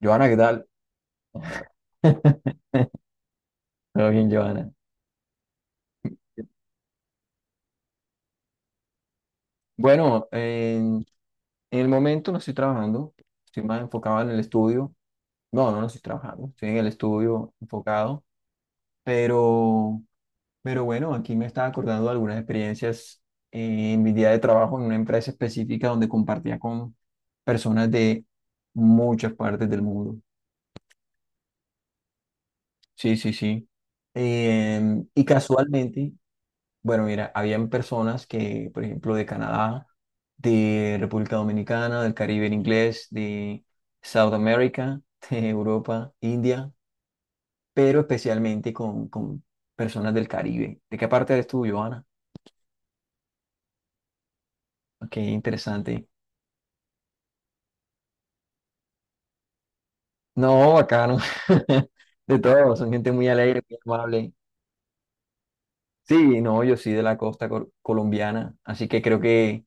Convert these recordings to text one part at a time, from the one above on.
Joana, ¿qué tal? Todo bien, Joana. Bueno, en el momento no estoy trabajando, estoy más enfocado en el estudio. No, no, no estoy trabajando, estoy en el estudio enfocado, pero, pero bueno, aquí me estaba acordando de algunas experiencias en mi día de trabajo en una empresa específica donde compartía con personas de muchas partes del mundo. Sí, sí, sí. Y casualmente, bueno, mira, habían personas que, por ejemplo, de Canadá, de República Dominicana, del Caribe en inglés, de South America, de Europa, India, pero especialmente con personas del Caribe. ¿De qué parte eres tú, Johanna? Qué interesante. No, bacano. De todo, son gente muy alegre, muy amable. Sí, no, yo sí de la costa colombiana, así que creo que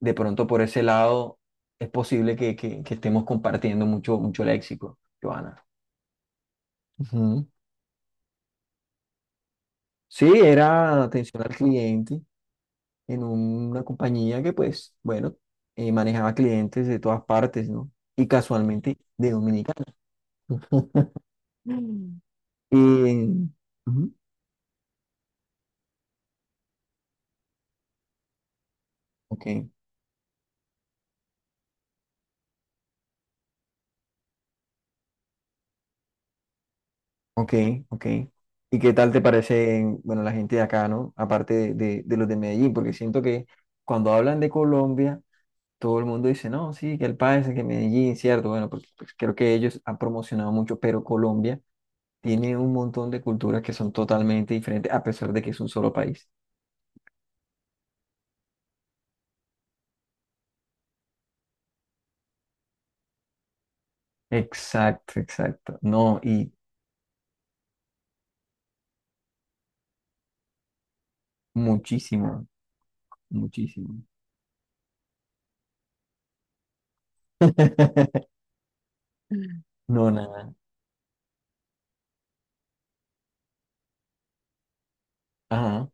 de pronto por ese lado es posible que, que estemos compartiendo mucho, mucho léxico, Joana. Ujú. Sí, era atención al cliente en una compañía que pues, bueno, manejaba clientes de todas partes, ¿no? Y casualmente de Dominicana. Mm. Y, ujú, ok. Ok, ok. ¿Y qué tal te parece, bueno, la gente de acá, ¿no? Aparte de, de los de Medellín, porque siento que cuando hablan de Colombia, todo el mundo dice, no, sí, que el país, que Medellín, cierto, bueno, porque pues, creo que ellos han promocionado mucho, pero Colombia tiene un montón de culturas que son totalmente diferentes, a pesar de que es un solo país. Exacto, exacto. No, y muchísimo, muchísimo. No, nada. Ajá,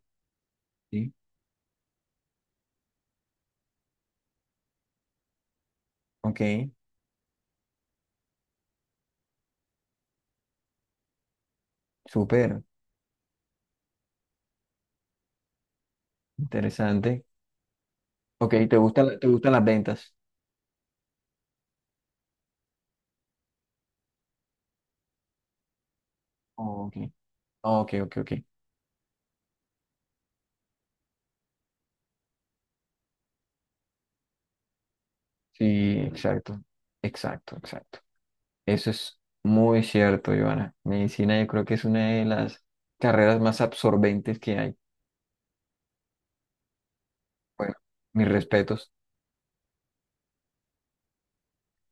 sí. Ok, súper interesante. Ok, te gustan las ventas? Ok, ok, ok, ok. Sí, exacto, exacto, exacto. Eso es muy cierto, Ivana. Medicina yo creo que es una de las carreras más absorbentes que hay. Bueno, mis respetos.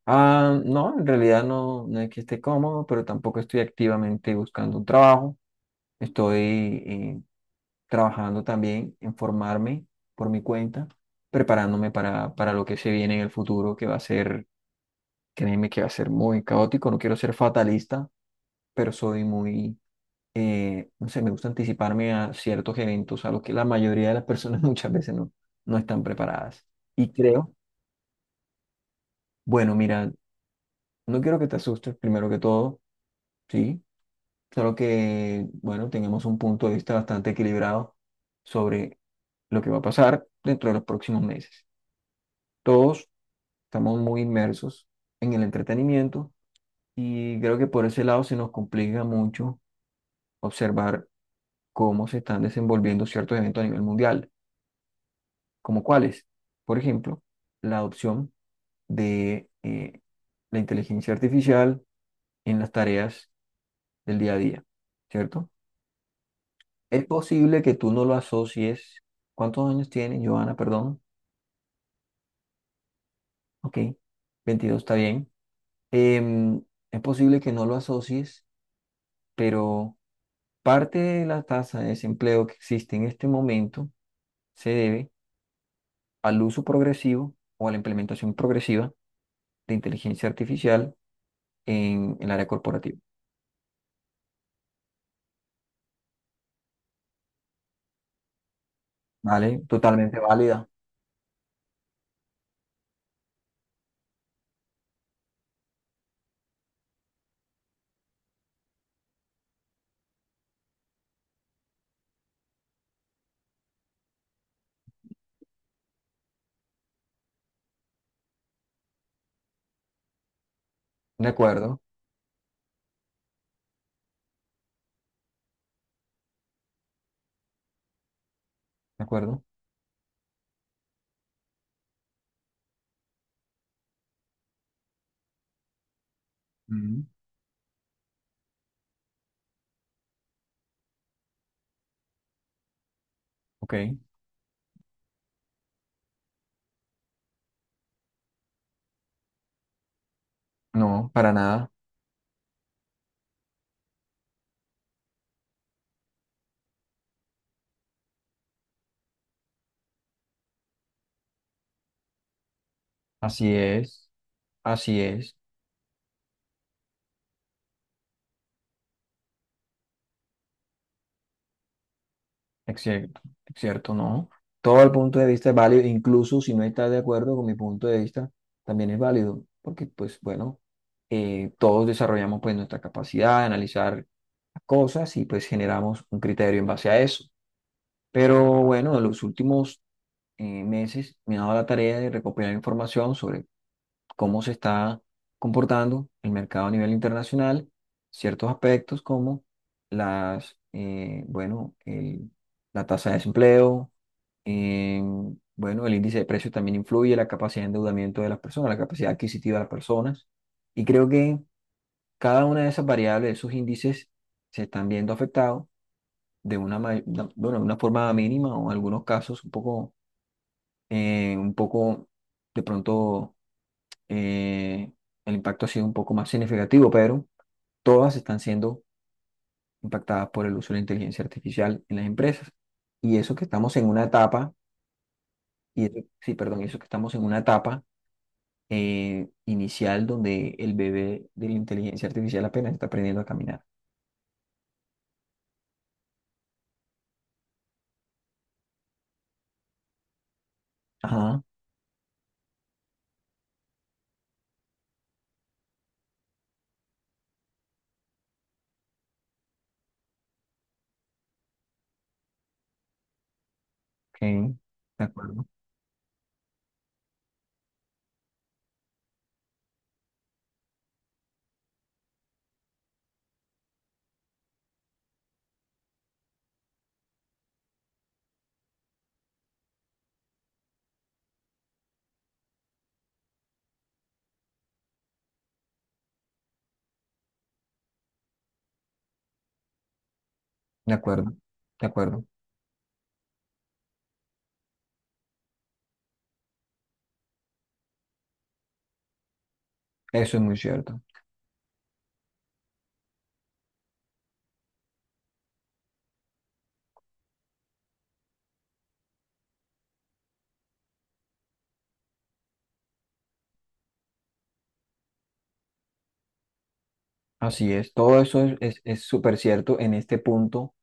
Ah, no, en realidad no, no es que esté cómodo, pero tampoco estoy activamente buscando un trabajo. Estoy trabajando también en formarme por mi cuenta, preparándome para lo que se viene en el futuro, que va a ser. Créeme que va a ser muy caótico, no quiero ser fatalista, pero no sé, me gusta anticiparme a ciertos eventos a los que la mayoría de las personas muchas veces no, no están preparadas. Y creo, bueno, mira, no quiero que te asustes primero que todo, ¿sí? Claro que, bueno, tengamos un punto de vista bastante equilibrado sobre lo que va a pasar dentro de los próximos meses. Todos estamos muy inmersos en el entretenimiento. Y creo que por ese lado se nos complica mucho observar cómo se están desenvolviendo ciertos eventos a nivel mundial, como cuáles. Por ejemplo, la adopción de la inteligencia artificial en las tareas del día a día, ¿cierto? Es posible que tú no lo asocies. ¿Cuántos años tiene Joana? Perdón. Ok, 22 está bien. Em, es posible que no lo asocies, pero parte de la tasa de desempleo que existe en este momento se debe al uso progresivo o a la implementación progresiva de inteligencia artificial en el área corporativa. ¿Vale? Totalmente válida. De acuerdo, de acuerdo. Mm, ok. No, para nada. Así es, así es. Es cierto, no. Todo el punto de vista es válido, incluso si no estás de acuerdo con mi punto de vista, también es válido, porque pues bueno, todos desarrollamos pues nuestra capacidad de analizar las cosas y pues generamos un criterio en base a eso. Pero bueno, en los últimos meses me ha dado la tarea de recopilar información sobre cómo se está comportando el mercado a nivel internacional, ciertos aspectos como las, eh, bueno, el- la tasa de desempleo, eh, bueno, el índice de precios también influye, la capacidad de endeudamiento de las personas, la capacidad adquisitiva de las personas. Y creo que cada una de esas variables, esos índices, se están viendo afectados de una, ma- de- bueno, de una forma mínima o en algunos casos un poco, de pronto, eh, el impacto ha sido un poco más significativo, pero todas están siendo impactadas por el uso de la inteligencia artificial en las empresas. Y eso que estamos en una etapa, sí, perdón, y eso que estamos en una etapa inicial donde el bebé de la inteligencia artificial apenas está aprendiendo a caminar. Ajá, ok, de acuerdo, de acuerdo, de acuerdo. Eso es muy cierto. Así es, todo eso es súper cierto en este punto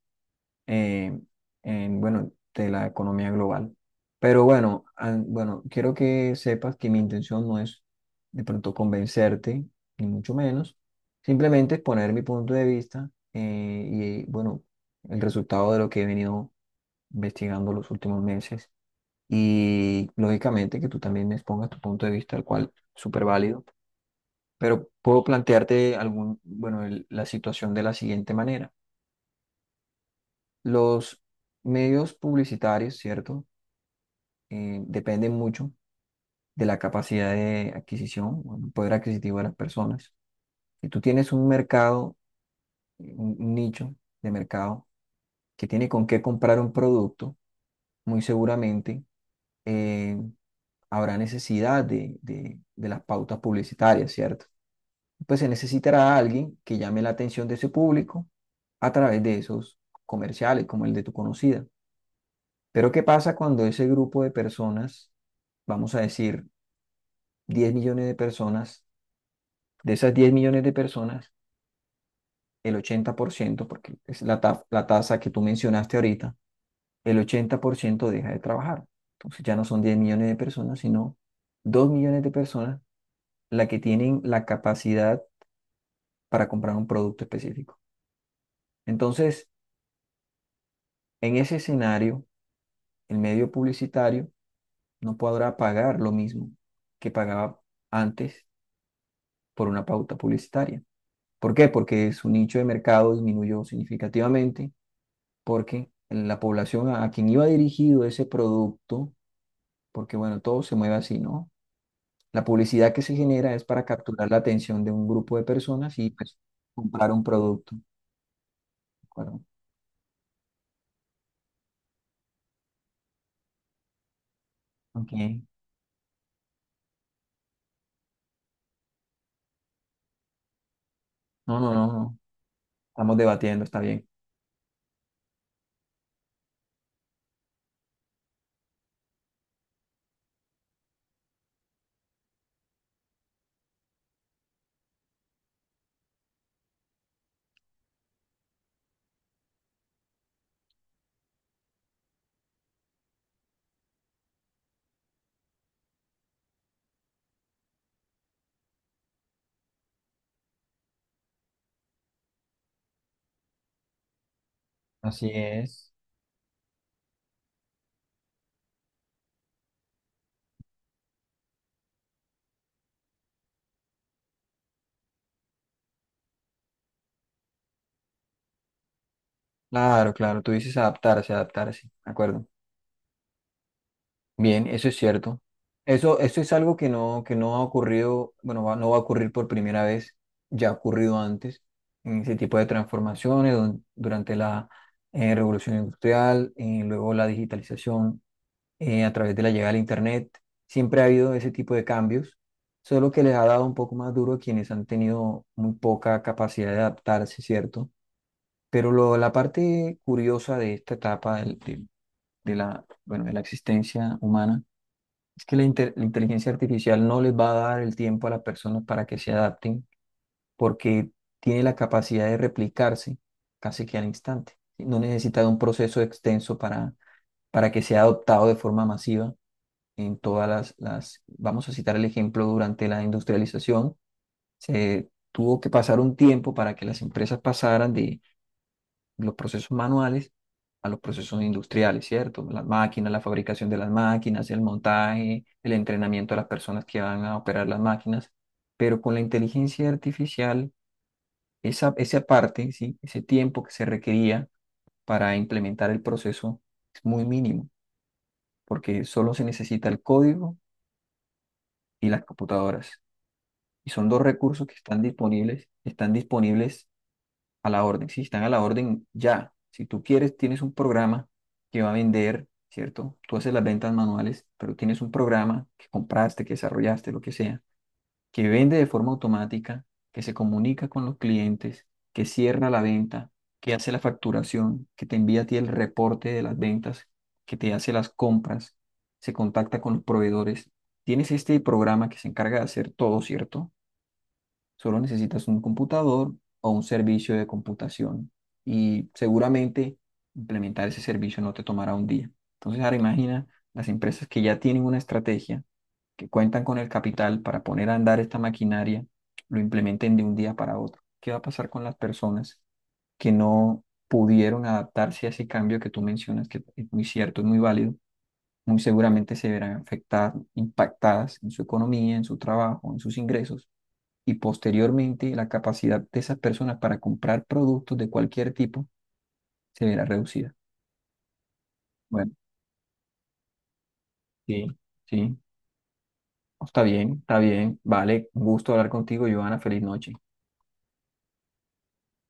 eh, bueno, de la economía global. Pero bueno, bueno, quiero que sepas que mi intención no es de pronto convencerte, ni mucho menos, simplemente exponer mi punto de vista y bueno, el resultado de lo que he venido investigando los últimos meses. Y lógicamente que tú también me expongas tu punto de vista, el cual es súper válido. Pero puedo plantearte algún, bueno, la situación de la siguiente manera. Los medios publicitarios, ¿cierto? Depende mucho de la capacidad de adquisición, o el poder adquisitivo de las personas. Si tú tienes un mercado, un nicho de mercado que tiene con qué comprar un producto, muy seguramente eh, habrá necesidad de las pautas publicitarias, ¿cierto? Pues se necesitará alguien que llame la atención de ese público a través de esos comerciales, como el de tu conocida. Pero ¿qué pasa cuando ese grupo de personas, vamos a decir 10 millones de personas? De esas 10 millones de personas, el 80%, porque es la tasa que tú mencionaste ahorita, el 80% deja de trabajar. Entonces ya no son 10 millones de personas, sino 2 millones de personas las que tienen la capacidad para comprar un producto específico. Entonces, en ese escenario, el medio publicitario no podrá pagar lo mismo que pagaba antes por una pauta publicitaria. ¿Por qué? Porque su nicho de mercado disminuyó significativamente porque la población a quien iba dirigido ese producto, porque bueno, todo se mueve así, ¿no? La publicidad que se genera es para capturar la atención de un grupo de personas y pues comprar un producto, ¿de acuerdo? Ok. No, no, no, no. Estamos debatiendo, está bien. Así es. Claro, claro, tú dices adaptarse, adaptarse, ¿de acuerdo? Bien, eso es cierto. Eso es algo que no ha ocurrido, bueno, no va a ocurrir por primera vez, ya ha ocurrido antes, en ese tipo de transformaciones durante la revolución industrial, luego la digitalización a través de la llegada del Internet, siempre ha habido ese tipo de cambios, solo que les ha dado un poco más duro a quienes han tenido muy poca capacidad de adaptarse, ¿cierto? Pero lo, la parte curiosa de esta etapa de la, bueno, de la existencia humana, es que la inteligencia artificial no les va a dar el tiempo a las personas para que se adapten porque tiene la capacidad de replicarse casi que al instante. No necesita de un proceso extenso para que sea adoptado de forma masiva en todas las... Vamos a citar el ejemplo durante la industrialización. Se tuvo que pasar un tiempo para que las empresas pasaran los procesos manuales a los procesos industriales, ¿cierto? Las máquinas, la fabricación de las máquinas, el montaje, el entrenamiento de las personas que van a operar las máquinas, pero con la inteligencia artificial, esa parte, ¿sí? Ese tiempo que se requería para implementar el proceso es muy mínimo, porque solo se necesita el código y las computadoras. Y son dos recursos que están disponibles a la orden, sí, están a la orden ya. Si tú quieres, tienes un programa que va a vender, ¿cierto? Tú haces las ventas manuales, pero tienes un programa que compraste, que desarrollaste, lo que sea, que vende de forma automática, que se comunica con los clientes, que cierra la venta, que hace la facturación, que te envía a ti el reporte de las ventas, que te hace las compras, se contacta con los proveedores. Tienes este programa que se encarga de hacer todo, ¿cierto? Solo necesitas un computador o un servicio de computación y seguramente implementar ese servicio no te tomará un día. Entonces, ahora imagina las empresas que ya tienen una estrategia, que cuentan con el capital para poner a andar esta maquinaria, lo implementen de un día para otro. ¿Qué va a pasar con las personas que no pudieron adaptarse a ese cambio que tú mencionas, que es muy cierto, es muy válido? Muy seguramente se verán afectadas, impactadas en su economía, en su trabajo, en sus ingresos y posteriormente la capacidad de esas personas para comprar productos de cualquier tipo se verá reducida. Bueno, sí, sí, está bien, está bien. Vale, un gusto hablar contigo, Joana. Feliz noche.